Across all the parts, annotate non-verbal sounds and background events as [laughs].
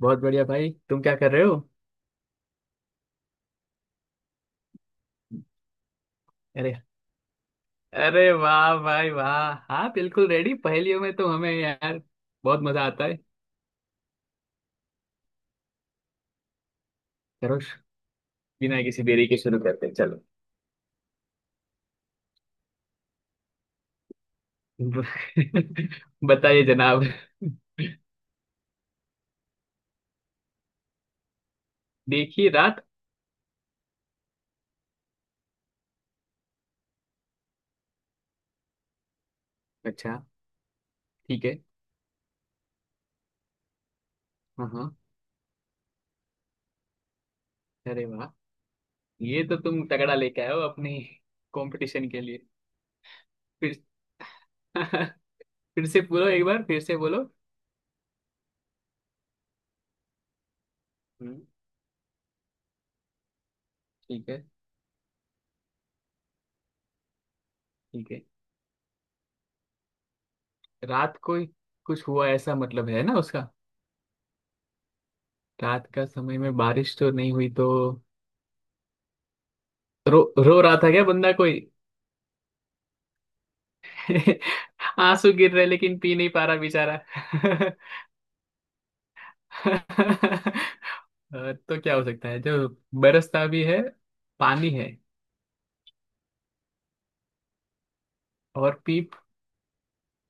बहुत बढ़िया भाई। तुम क्या कर रहे हो? अरे अरे वाह भाई वाह। हाँ बिल्कुल रेडी, पहेलियों में तो हमें यार बहुत मजा आता है। करो बिना किसी देरी के शुरू करते हैं चलो। [laughs] बताइए जनाब। देखिए रात। अच्छा ठीक है। हाँ हाँ। अरे वाह, ये तो तुम तगड़ा लेके आए हो अपनी कंपटीशन के लिए। फिर [laughs] फिर से बोलो, एक बार फिर से बोलो। हम्म। ठीक है। ठीक है, रात को ही कुछ हुआ ऐसा मतलब है ना उसका। रात का समय में बारिश तो नहीं हुई तो रो रो रहा था क्या बंदा कोई? [laughs] आंसू गिर रहे लेकिन पी नहीं पा रहा बेचारा। [laughs] तो क्या हो सकता है जो बरसता भी है, पानी है और पी,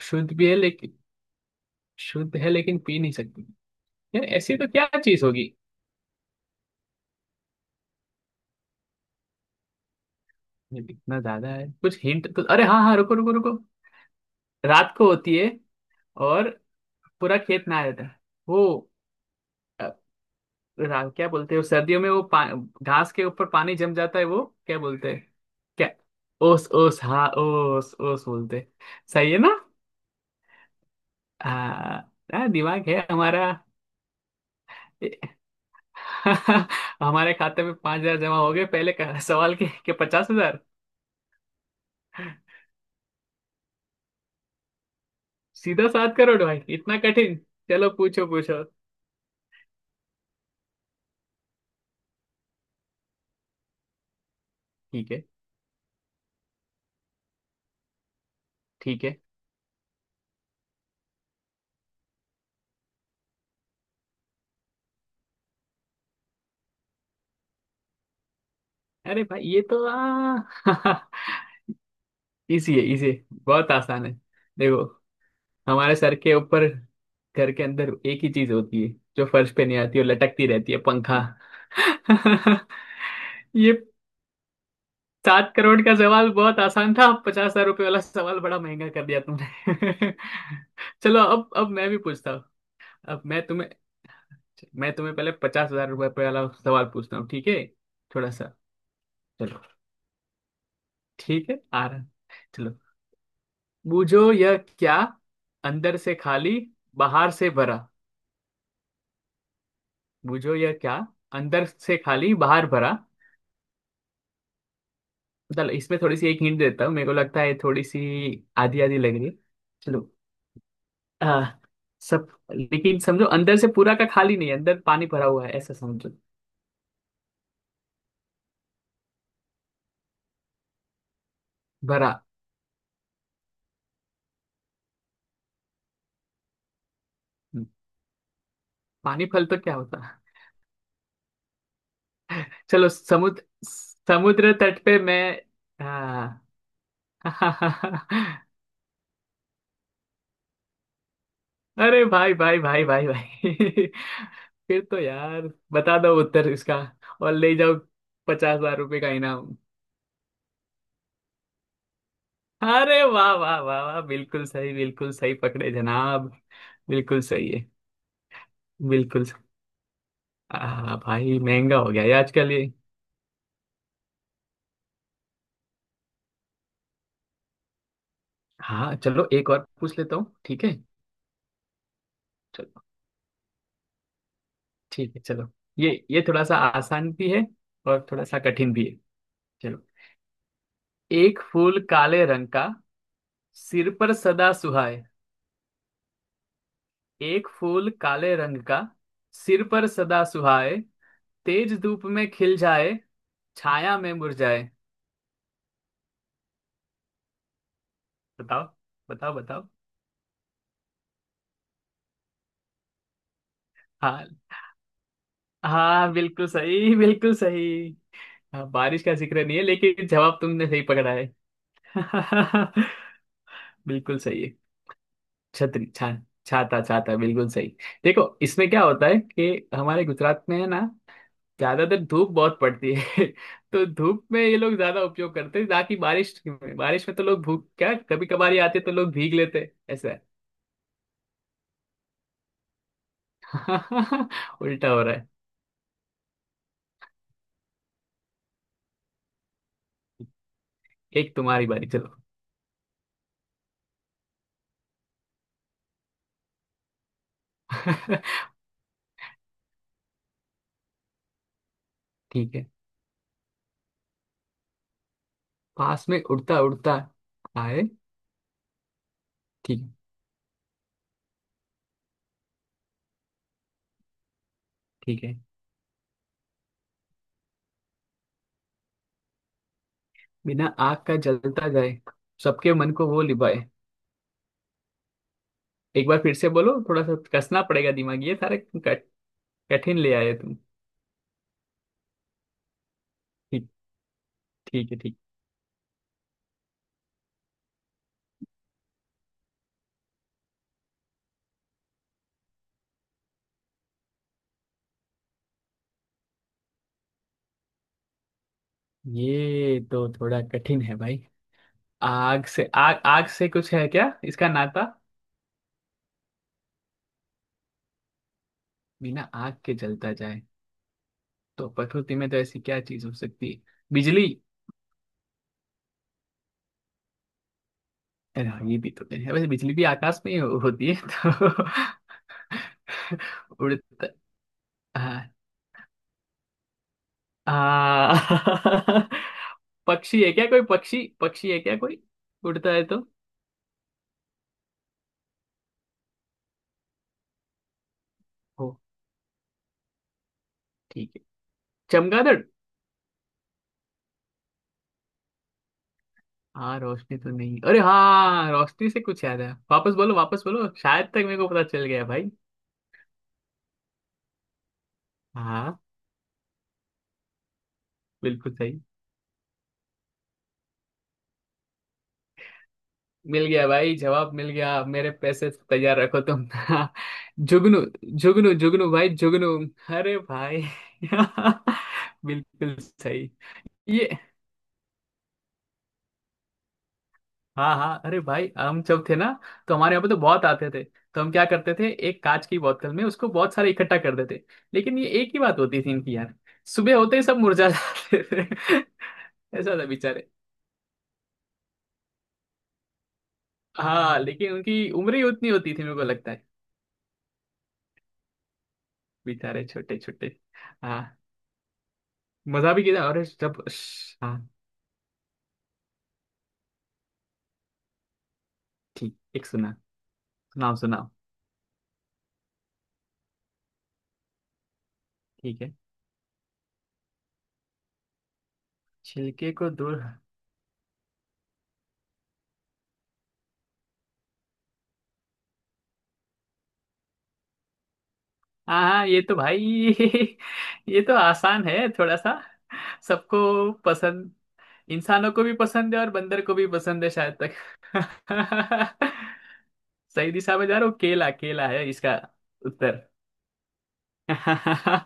शुद्ध भी है लेकिन, शुद्ध है लेकिन पी नहीं सकती। यार ऐसी तो क्या चीज होगी? ये इतना ज्यादा है कुछ हिंट तो, अरे हाँ हाँ रुको रुको रुको। रात को होती है और पूरा खेत नहा जाता है। वो क्या बोलते हैं वो, सर्दियों में वो घास के ऊपर पानी जम जाता है वो क्या बोलते हैं? क्या? ओस ओस, हाँ ओस ओस बोलते हैं। सही है ना? हाँ। हाँ, दिमाग है हमारा। ए- [laughs] हमारे खाते में पांच हजार जमा हो गए पहले का सवाल के पचास हजार। सीधा सात करोड़ भाई, इतना कठिन? चलो पूछो पूछो। ठीक है। ठीक है। अरे भाई ये तो [laughs] इसी है इसी है। बहुत आसान है। देखो हमारे सर के ऊपर घर के अंदर एक ही चीज होती है जो फर्श पे नहीं आती और लटकती रहती है, पंखा। [laughs] ये सात करोड़ का सवाल बहुत आसान था, पचास हजार रुपये वाला सवाल बड़ा महंगा कर दिया तुमने। [laughs] चलो अब मैं भी पूछता हूँ। अब मैं तुम्हें, मैं तुम्हें पहले पचास हजार रुपये वाला सवाल पूछता हूँ ठीक है? थोड़ा सा। चलो ठीक है, आ रहा। चलो बूझो यह क्या? अंदर से खाली बाहर से भरा। बूझो यह क्या? अंदर से खाली बाहर भरा। चलो इसमें थोड़ी सी एक हिंट देता हूँ, मेरे को लगता है थोड़ी सी आधी आधी लग रही है। चलो आ, सब, लेकिन समझो अंदर से पूरा का खाली नहीं है, अंदर पानी भरा हुआ है ऐसा समझो। भरा। हम्म, पानी फल तो क्या होता है? चलो समुद्र, समुद्र तट पे मैं। हाँ। [laughs] अरे भाई भाई भाई भाई भाई। [laughs] फिर तो यार बता दो उत्तर इसका और ले जाओ पचास हजार रुपये का इनाम। अरे वाह वाह वाह वाह, बिल्कुल सही पकड़े जनाब। बिल्कुल सही है। बिल्कुल सही। भाई महंगा हो गया है आजकल ये। हाँ चलो एक और पूछ लेता हूँ ठीक है। चलो ठीक है चलो। ये थोड़ा सा आसान भी है और थोड़ा सा कठिन भी है। चलो एक फूल काले रंग का, सिर पर सदा सुहाए। एक फूल काले रंग का, सिर पर सदा सुहाए। तेज धूप में खिल जाए, छाया में मुरझाए। बताओ बताओ बताओ। हाँ हाँ बिल्कुल सही बिल्कुल सही। हाँ, बारिश का जिक्र नहीं है लेकिन जवाब तुमने सही पकड़ा है। [laughs] बिल्कुल सही है। छतरी छा छाता छाता बिल्कुल सही। देखो इसमें क्या होता है कि हमारे गुजरात में है ना, ज्यादातर धूप बहुत पड़ती है। [laughs] तो धूप में ये लोग ज्यादा उपयोग करते हैं ना, कि बारिश में, बारिश में तो लोग भूख क्या कभी कभार ही आते, तो लोग भीग लेते हैं, ऐसा है। [laughs] उल्टा हो रहा है। एक तुम्हारी बारी चलो। [laughs] ठीक है, पास में उड़ता उड़ता आए। ठीक है। ठीक है, बिना आग का जलता जाए सबके मन को वो लिभाए। एक बार फिर से बोलो, थोड़ा सा कसना पड़ेगा दिमाग, ये सारे कठिन ले आए तुम। ठीक, ठीक है, ठीक। ये तो थोड़ा कठिन है भाई। आग से कुछ है क्या इसका नाता? बिना आग के जलता जाए। तो प्रकृति में तो ऐसी क्या चीज हो सकती है? बिजली? अरे हाँ, ये भी तो है वैसे, बिजली भी आकाश में ही होती है तो। [laughs] उड़ता, हाँ। हाँ [laughs] पक्षी है क्या कोई? पक्षी पक्षी है क्या कोई उड़ता है तो? हो, ठीक है, चमगादड़। हाँ रोशनी तो नहीं, अरे हाँ रोशनी से कुछ याद है, वापस बोलो वापस बोलो, शायद तक मेरे को पता चल गया भाई। हाँ बिल्कुल सही। मिल गया भाई जवाब मिल गया, मेरे पैसे तैयार रखो तुम। [laughs] जुगनू, जुगनू जुगनू भाई जुगनू। अरे भाई। [laughs] बिल्कुल सही। ये, हाँ हाँ अरे भाई, हम जब थे ना तो हमारे यहाँ पे तो बहुत आते थे, तो हम क्या करते थे, एक कांच की बोतल में उसको बहुत सारे इकट्ठा कर देते। लेकिन ये एक ही बात होती थी इनकी यार, सुबह होते ही सब मुरझा जाते थे। [laughs] ऐसा था बेचारे। हाँ लेकिन उनकी उम्र ही उतनी होती थी मेरे को लगता है। बेचारे छोटे छोटे। हाँ। मजा भी किया और जब, हाँ ठीक, एक सुना, सुनाओ सुनाओ। ठीक है, छिलके को दूर, हाँ हाँ ये तो भाई। [laughs] ये तो आसान है थोड़ा सा। सबको पसंद, इंसानों को भी पसंद है और बंदर को भी पसंद है शायद तक। [laughs] सही दिशा में जा रहा हूँ, केला केला है इसका उत्तर। [laughs]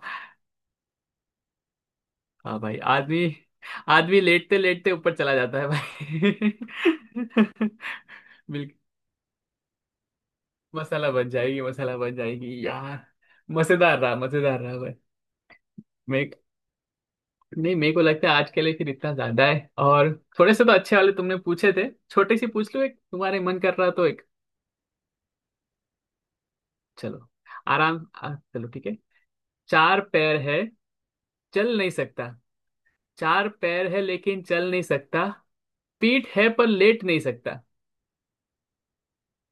हाँ भाई आदमी, आदमी लेटते लेटते ऊपर चला जाता है भाई। [laughs] बिल्कुल, मसाला बन जाएगी यार। मजेदार रहा भाई। मैं नहीं मेरे को लगता है आज के लिए फिर इतना ज्यादा है और थोड़े से तो अच्छे वाले तुमने पूछे थे, छोटे से पूछ लो एक, तुम्हारे मन कर रहा तो एक चलो। आराम चलो ठीक है। चार पैर है, चल नहीं सकता। चार पैर है लेकिन चल नहीं सकता, पीठ है पर लेट नहीं सकता।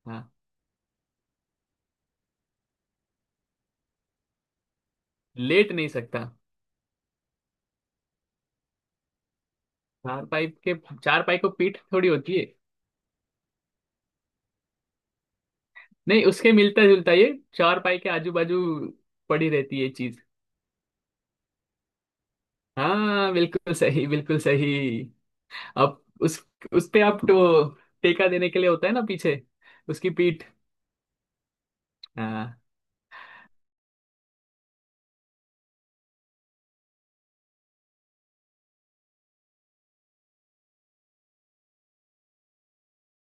हाँ, लेट नहीं सकता। चार पाई के, चार पाई को पीठ थोड़ी होती है। नहीं उसके मिलता जुलता ये, चार पाई के आजू बाजू पड़ी रहती है ये चीज। हाँ बिल्कुल सही बिल्कुल सही। अब उस पे आप तो टेका देने के लिए होता है ना पीछे, उसकी पीठ। हाँ।